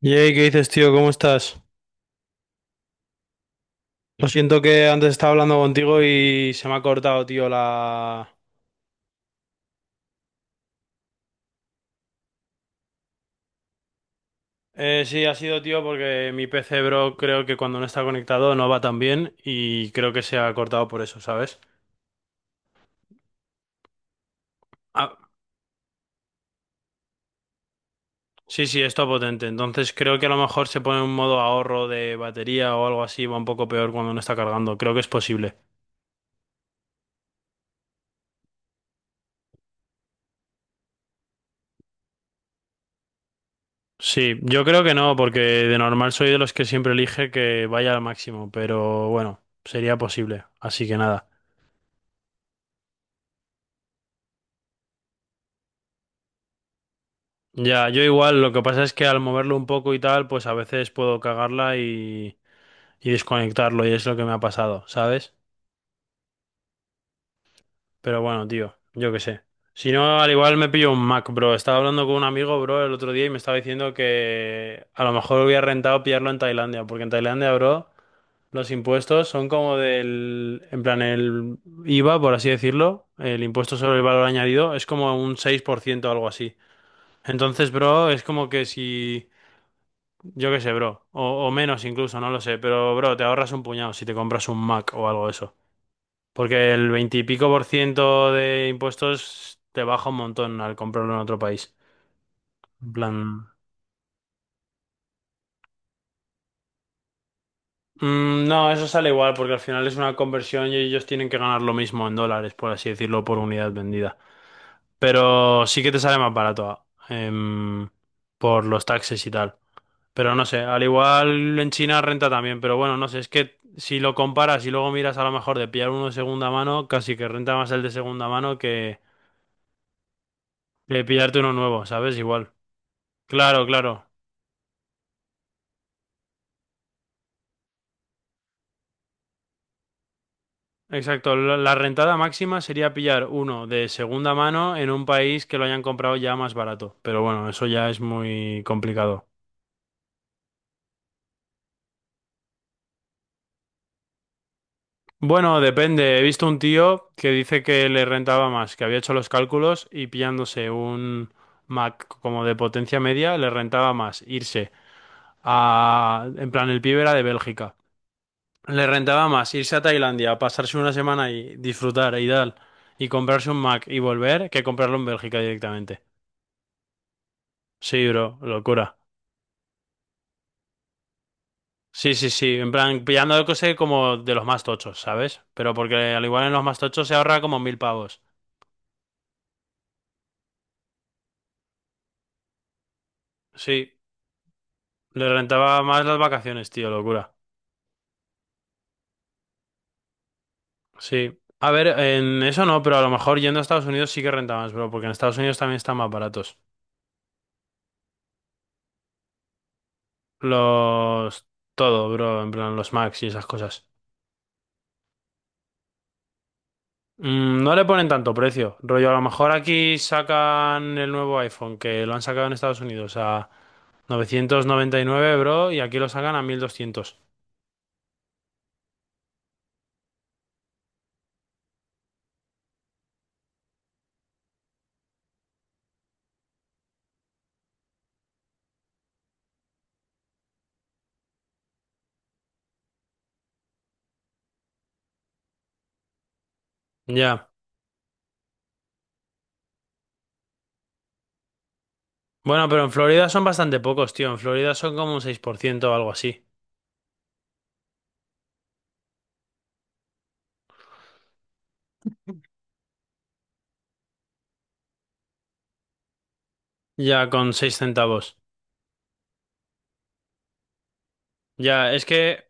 Yey, ¿qué dices, tío? ¿Cómo estás? Lo siento que antes estaba hablando contigo y se me ha cortado, tío, la... Sí, ha sido, tío, porque mi PC, bro, creo que cuando no está conectado no va tan bien y creo que se ha cortado por eso, ¿sabes? Ah, sí, sí, está potente. Entonces creo que a lo mejor se pone un modo ahorro de batería o algo así, va un poco peor cuando no está cargando. Creo que es posible. Sí, yo creo que no, porque de normal soy de los que siempre elige que vaya al máximo, pero bueno, sería posible. Así que nada. Ya, yo igual, lo que pasa es que al moverlo un poco y tal, pues a veces puedo cagarla y desconectarlo y es lo que me ha pasado, ¿sabes? Pero bueno, tío, yo qué sé. Si no, al igual me pillo un Mac, bro. Estaba hablando con un amigo, bro, el otro día y me estaba diciendo que a lo mejor hubiera rentado pillarlo en Tailandia, porque en Tailandia, bro, los impuestos son como del, en plan, el IVA, por así decirlo, el impuesto sobre el valor añadido, es como un 6% o algo así. Entonces, bro, es como que si... Yo qué sé, bro. O menos incluso, no lo sé. Pero, bro, te ahorras un puñado si te compras un Mac o algo de eso. Porque el veintipico por ciento de impuestos te baja un montón al comprarlo en otro país. En plan... no, eso sale igual porque al final es una conversión y ellos tienen que ganar lo mismo en dólares, por así decirlo, por unidad vendida. Pero sí que te sale más barato, por los taxes y tal. Pero no sé, al igual en China renta también, pero bueno, no sé, es que si lo comparas y luego miras a lo mejor de pillar uno de segunda mano, casi que renta más el de segunda mano que de pillarte uno nuevo, ¿sabes? Igual. Claro, claro. Exacto, la rentada máxima sería pillar uno de segunda mano en un país que lo hayan comprado ya más barato, pero bueno, eso ya es muy complicado. Bueno, depende. He visto un tío que dice que le rentaba más, que había hecho los cálculos y pillándose un Mac como de potencia media, le rentaba más irse a... En plan, el pibe era de Bélgica. Le rentaba más irse a Tailandia, pasarse una semana y disfrutar y tal, y comprarse un Mac y volver, que comprarlo en Bélgica directamente. Sí, bro, locura. Sí, sí, sí, en plan, pillando cosas como de los más tochos, ¿sabes? Pero porque al igual en los más tochos se ahorra como mil pavos. Sí, le rentaba más las vacaciones, tío, locura. Sí. A ver, en eso no, pero a lo mejor yendo a Estados Unidos sí que renta más, bro, porque en Estados Unidos también están más baratos. Los... Todo, bro, en plan los Macs y esas cosas. Mm, no le ponen tanto precio, rollo, a lo mejor aquí sacan el nuevo iPhone, que lo han sacado en Estados Unidos a 999 bro, y aquí lo sacan a 1.200. Ya. Bueno, pero en Florida son bastante pocos, tío. En Florida son como un 6% o algo así. Ya, con 6 centavos. Ya, es que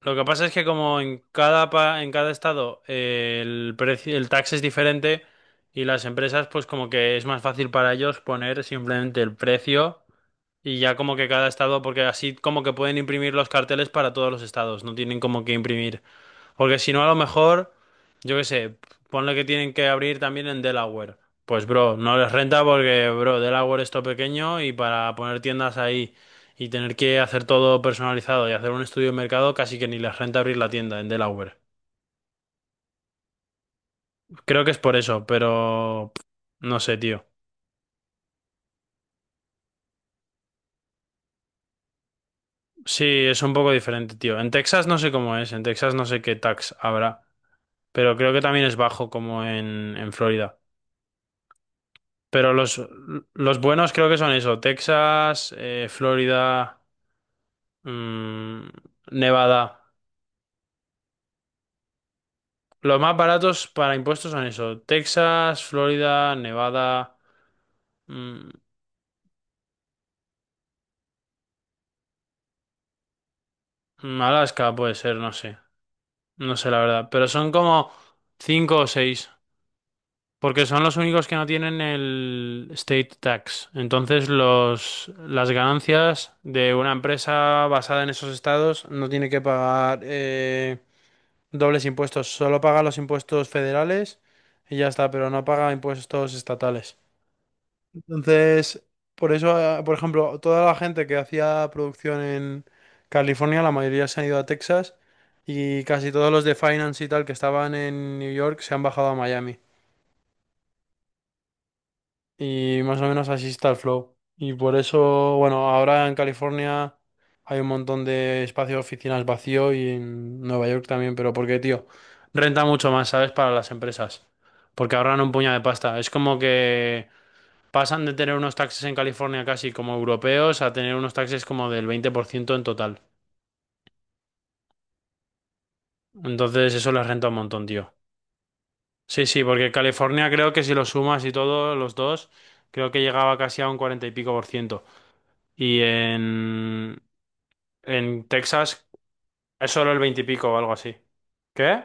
lo que pasa es que como en cada, en cada estado el precio, el tax es diferente y las empresas pues como que es más fácil para ellos poner simplemente el precio y ya como que cada estado, porque así como que pueden imprimir los carteles para todos los estados, no tienen como que imprimir porque si no, a lo mejor, yo qué sé, ponle que tienen que abrir también en Delaware. Pues, bro, no les renta porque, bro, Delaware es todo pequeño y para poner tiendas ahí y tener que hacer todo personalizado y hacer un estudio de mercado, casi que ni les renta abrir la tienda en Delaware. Creo que es por eso, pero pff, no sé, tío. Sí, es un poco diferente, tío. En Texas no sé cómo es, en Texas no sé qué tax habrá, pero creo que también es bajo como en Florida. Pero los buenos creo que son eso, Texas, Florida, mm, Nevada. Los más baratos para impuestos son eso, Texas, Florida, Nevada, mm, Alaska puede ser, no sé, no sé la verdad, pero son como cinco o seis, porque son los únicos que no tienen el state tax. Entonces los, las ganancias de una empresa basada en esos estados no tiene que pagar... dobles impuestos. Solo paga los impuestos federales y ya está, pero no paga impuestos estatales. Entonces, por eso, por ejemplo, toda la gente que hacía producción en California, la mayoría se han ido a Texas y casi todos los de finance y tal que estaban en New York se han bajado a Miami. Y más o menos así está el flow. Y por eso, bueno, ahora en California hay un montón de espacios de oficinas vacío y en Nueva York también, pero porque, tío, renta mucho más, ¿sabes? Para las empresas, porque ahorran un puñado de pasta. Es como que pasan de tener unos taxes en California casi como europeos a tener unos taxes como del 20% en total. Entonces eso les renta un montón, tío. Sí, sí, porque California creo que si lo sumas y todo, los dos, creo que llegaba casi a un 40 y pico por ciento. Y en Texas es solo el 20 y pico o algo así. ¿Qué?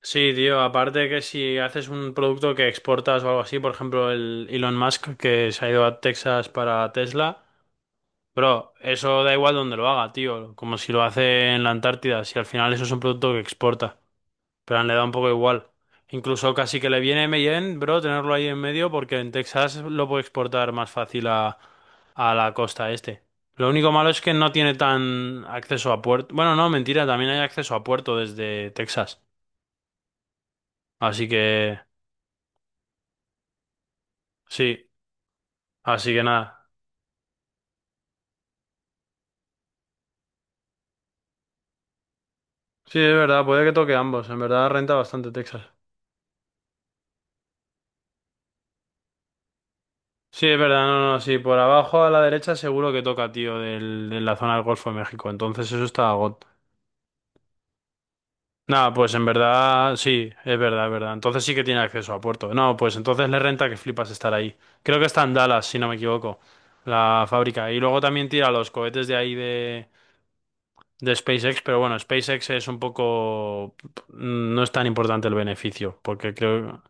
Sí, tío, aparte que si haces un producto que exportas o algo así, por ejemplo, el Elon Musk que se ha ido a Texas para Tesla, bro, eso da igual donde lo haga, tío, como si lo hace en la Antártida, si al final eso es un producto que exporta, pero le da un poco igual. Incluso casi que le viene bien, bro, tenerlo ahí en medio porque en Texas lo puede exportar más fácil a la costa este. Lo único malo es que no tiene tan acceso a puerto. Bueno, no, mentira, también hay acceso a puerto desde Texas. Así que sí, así que nada. Sí, es verdad, puede que toque ambos. En verdad renta bastante Texas. Sí, es verdad, no, no, sí, por abajo a la derecha seguro que toca, tío, del, de la zona del Golfo de México. Entonces eso está, nada, pues en verdad, sí, es verdad, es verdad. Entonces sí que tiene acceso a puerto. No, pues entonces le renta que flipas estar ahí. Creo que está en Dallas, si no me equivoco, la fábrica. Y luego también tira los cohetes de ahí de SpaceX, pero bueno, SpaceX es un poco... No es tan importante el beneficio, porque creo...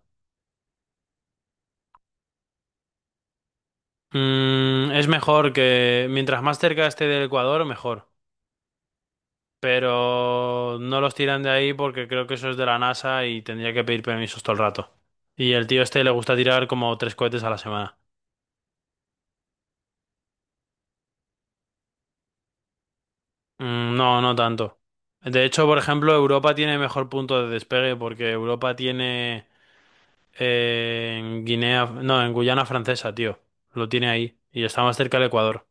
Mm, es mejor que... Mientras más cerca esté del Ecuador, mejor. Pero no los tiran de ahí porque creo que eso es de la NASA y tendría que pedir permisos todo el rato. Y el tío este le gusta tirar como tres cohetes a la semana. Mm, no, no tanto. De hecho, por ejemplo, Europa tiene mejor punto de despegue porque Europa tiene en Guinea, no, en Guyana Francesa, tío. Lo tiene ahí y está más cerca del Ecuador.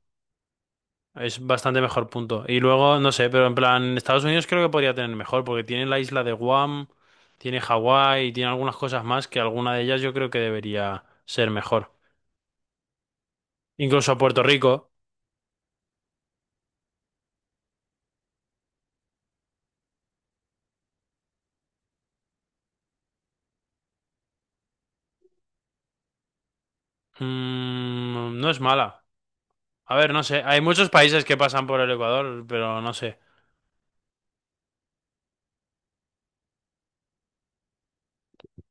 Es bastante mejor punto. Y luego, no sé, pero en plan, Estados Unidos creo que podría tener mejor, porque tiene la isla de Guam, tiene Hawái, tiene algunas cosas más que alguna de ellas yo creo que debería ser mejor. Incluso a Puerto Rico, mm, no es mala. A ver, no sé, hay muchos países que pasan por el Ecuador, pero no sé.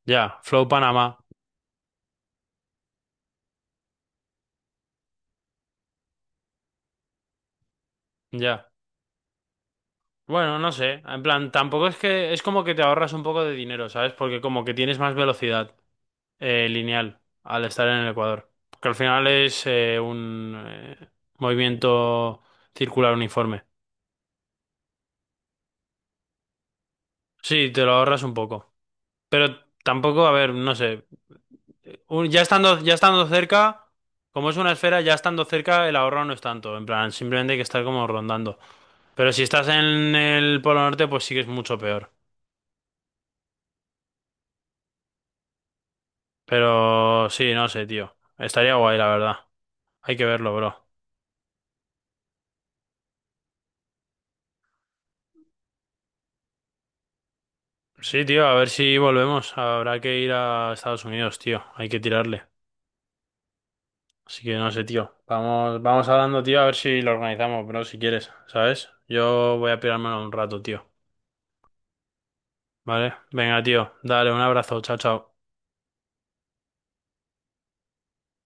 Ya, Flow Panamá, ya. Bueno, no sé, en plan, tampoco es que es como que te ahorras un poco de dinero, ¿sabes? Porque como que tienes más velocidad. Lineal al estar en el ecuador. Porque al final es un movimiento circular uniforme. Sí, te lo ahorras un poco. Pero tampoco, a ver, no sé. Ya estando cerca, como es una esfera, ya estando cerca, el ahorro no es tanto. En plan, simplemente hay que estar como rondando. Pero si estás en el Polo Norte, pues sí que es mucho peor. Pero sí, no sé, tío. Estaría guay, la verdad. Hay que verlo, bro. Sí, tío, a ver si volvemos. Habrá que ir a Estados Unidos, tío. Hay que tirarle. Así que no sé, tío. Vamos, vamos hablando, tío, a ver si lo organizamos, bro, si quieres, ¿sabes? Yo voy a pirármelo un rato, tío. ¿Vale? Venga, tío. Dale, un abrazo. Chao, chao.